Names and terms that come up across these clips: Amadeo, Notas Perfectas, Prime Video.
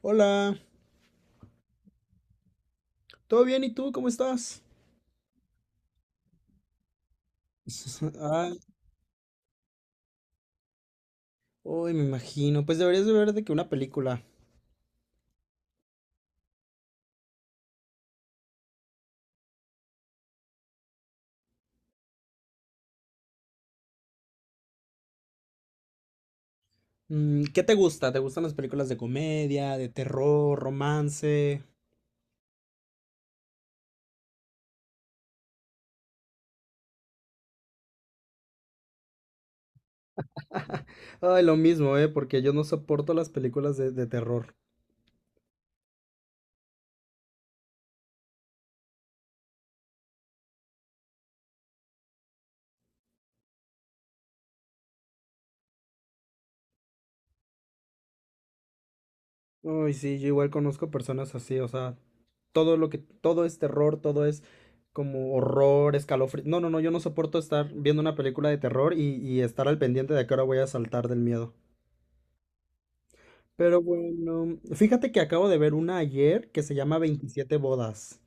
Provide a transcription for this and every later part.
Hola, ¿todo bien? ¿Y tú cómo estás? Ay, uy, me imagino. Pues deberías de ver de que una película. ¿Qué te gusta? ¿Te gustan las películas de comedia, de terror, romance? Ay, lo mismo, ¿eh? Porque yo no soporto las películas de terror. Uy, sí, yo igual conozco personas así. O sea, todo es terror, todo es como horror, escalofrío. No, no, no, yo no soporto estar viendo una película de terror y estar al pendiente de a qué hora voy a saltar del miedo. Pero bueno, fíjate que acabo de ver una ayer que se llama 27 bodas.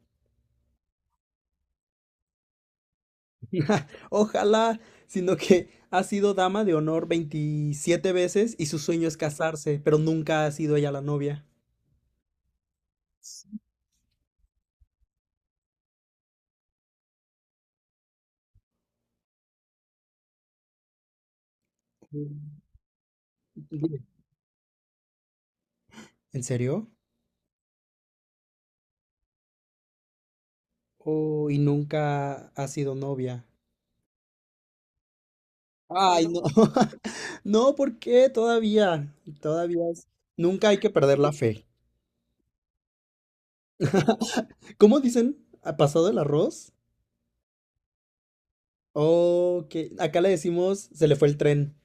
Ojalá, sino que ha sido dama de honor 27 veces y su sueño es casarse, pero nunca ha sido ella la novia. Dime. ¿En serio? Oh, y nunca ha sido novia. Ay, no. No, ¿por qué? Todavía es- Nunca hay que perder la fe. ¿Cómo dicen? ¿Ha pasado el arroz? Oh, que acá le decimos se le fue el tren.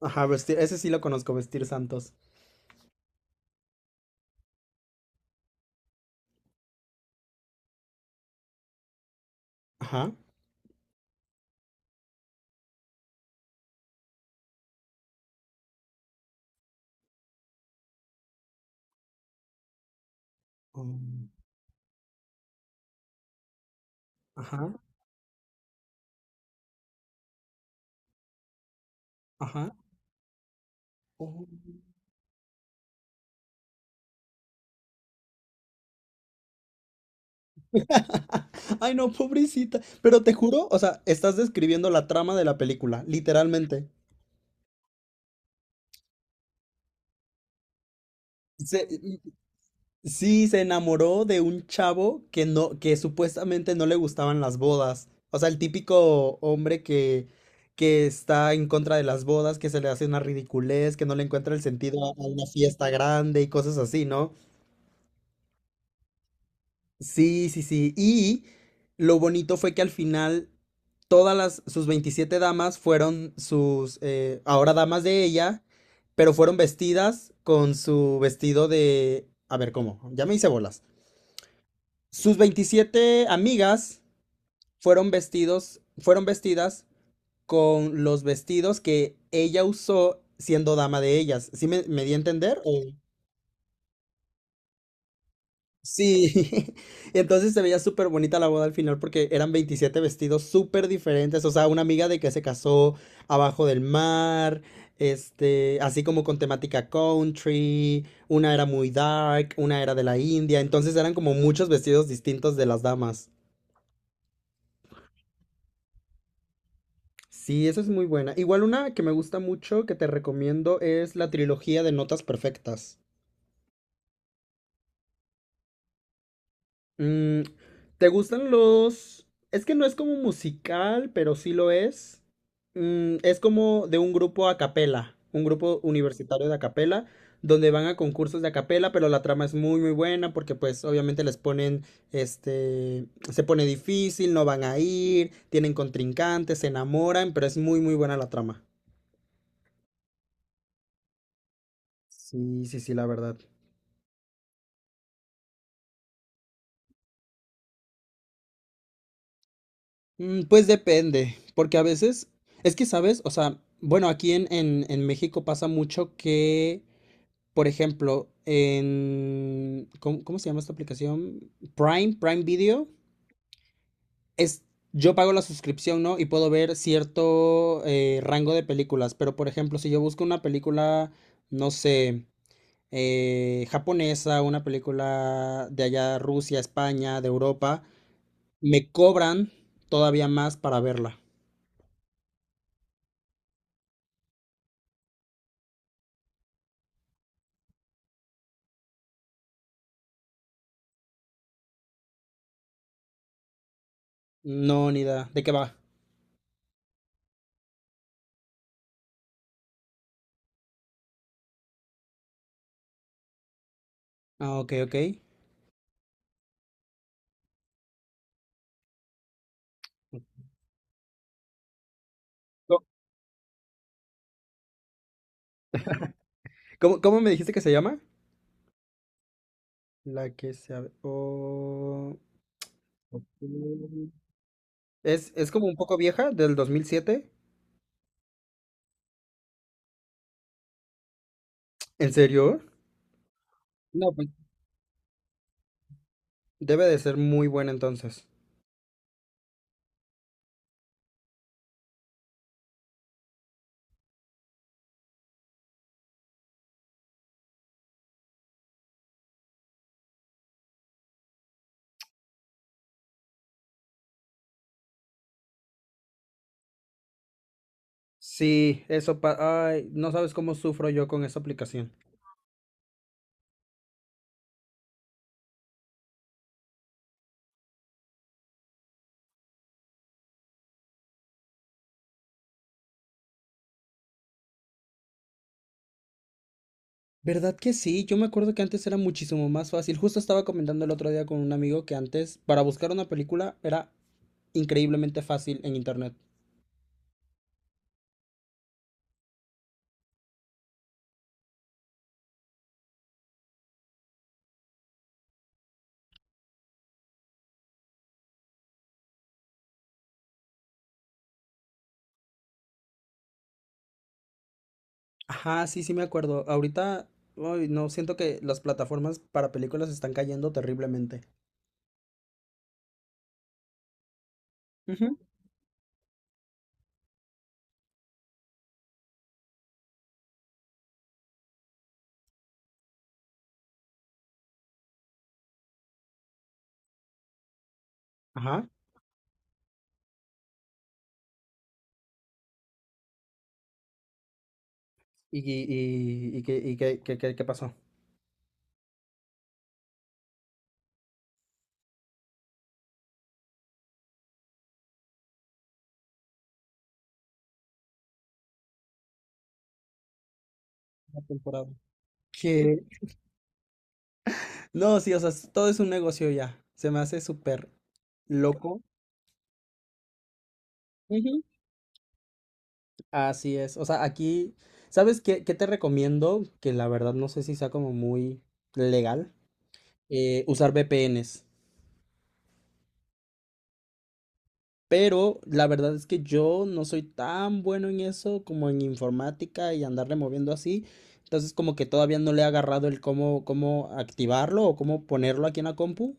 Ajá, vestir, ese sí lo conozco, vestir santos. Ajá. Mm. Ajá, ajá. Oh. Ay, no, pobrecita. Pero te juro, o sea, estás describiendo la trama de la película, literalmente. Se- sí, se enamoró de un chavo que supuestamente no le gustaban las bodas. O sea, el típico hombre que está en contra de las bodas, que se le hace una ridiculez, que no le encuentra el sentido a una fiesta grande y cosas así, ¿no? Sí, sí, sí. Y lo bonito fue que al final sus 27 damas fueron sus, ahora damas de ella, pero fueron vestidas con su vestido de, a ver, ¿cómo? Ya me hice bolas. Sus 27 amigas fueron vestidas con los vestidos que ella usó siendo dama de ellas. ¿Sí me di a entender? Sí, y entonces se veía súper bonita la boda al final porque eran 27 vestidos súper diferentes. O sea, una amiga de que se casó abajo del mar, este, así como con temática country, una era muy dark, una era de la India, entonces eran como muchos vestidos distintos de las damas. Sí, eso es muy buena. Igual una que me gusta mucho, que te recomiendo, es la trilogía de Notas Perfectas. Mm, ¿te gustan los...? Es que no es como musical, pero sí lo es. Mm, es como de un grupo a capela, un grupo universitario de a capela, donde van a concursos de a capela, pero la trama es muy muy buena porque pues obviamente les ponen, este, se pone difícil, no van a ir, tienen contrincantes, se enamoran, pero es muy muy buena la trama. Sí, sí, sí, la verdad. Mm, pues depende, porque a veces, es que sabes, o sea, bueno, aquí en México pasa mucho que, por ejemplo, en, ¿cómo, cómo se llama esta aplicación? Prime, Prime Video, es, yo pago la suscripción, ¿no? Y puedo ver cierto rango de películas, pero por ejemplo, si yo busco una película, no sé, japonesa, una película de allá, Rusia, España, de Europa, me cobran todavía más para verla. No, ni idea. ¿De qué va? Ah, ok, ok. No, ¿cómo, cómo me dijiste que se llama? La que se... abre- Oh... ok. Es como un poco vieja, del 2007. ¿En serio? No, pues debe de ser muy buena entonces. Sí, eso pa... Ay, no sabes cómo sufro yo con esa aplicación. ¿Verdad que sí? Yo me acuerdo que antes era muchísimo más fácil. Justo estaba comentando el otro día con un amigo que antes, para buscar una película, era increíblemente fácil en internet. Ajá, sí, sí me acuerdo. Ahorita, uy, no, siento que las plataformas para películas están cayendo terriblemente. Ujú. Ajá. Y qué, qué pasó? La temporada. Que, no, sí, o sea, es- todo es un negocio ya. Se me hace súper loco. Ujú. Así es. O sea, aquí, ¿sabes qué, qué te recomiendo? Que la verdad no sé si sea como muy legal. Usar VPNs. Pero la verdad es que yo no soy tan bueno en eso como en informática y andarle moviendo así. Entonces como que todavía no le he agarrado el cómo, cómo activarlo o cómo ponerlo aquí en la compu.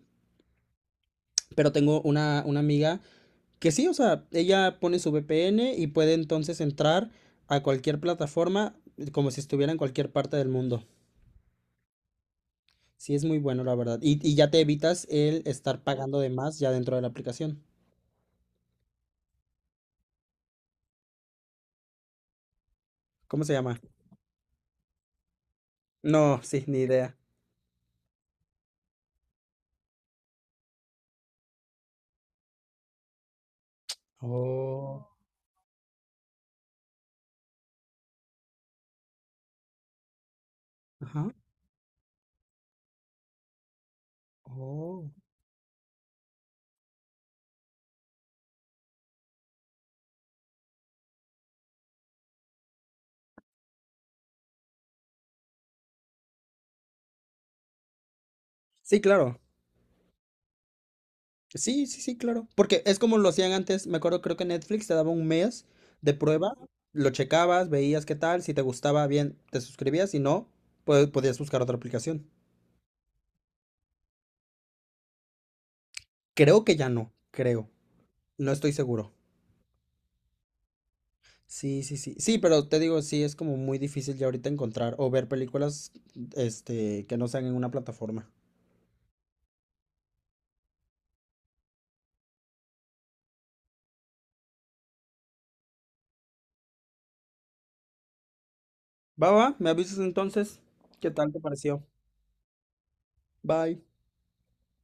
Pero tengo una amiga que sí. O sea, ella pone su VPN y puede entonces entrar a cualquier plataforma como si estuviera en cualquier parte del mundo. Sí, es muy bueno, la verdad. Y ya te evitas el estar pagando de más ya dentro de la aplicación. ¿Cómo se llama? No, sí, ni idea. Oh. Ajá. Oh, sí, claro. Sí, sí, sí, claro. Porque es como lo hacían antes, me acuerdo, creo que Netflix te daba un mes de prueba, lo checabas, veías qué tal, si te gustaba bien, te suscribías, si no, pues podías buscar otra aplicación. Creo que ya no, creo. No estoy seguro. Sí, sí, sí. Sí, pero te digo, sí, es como muy difícil ya ahorita encontrar o ver películas, este, que no sean en una plataforma. Va, va, me avisas entonces, ¿qué tal te pareció? Bye.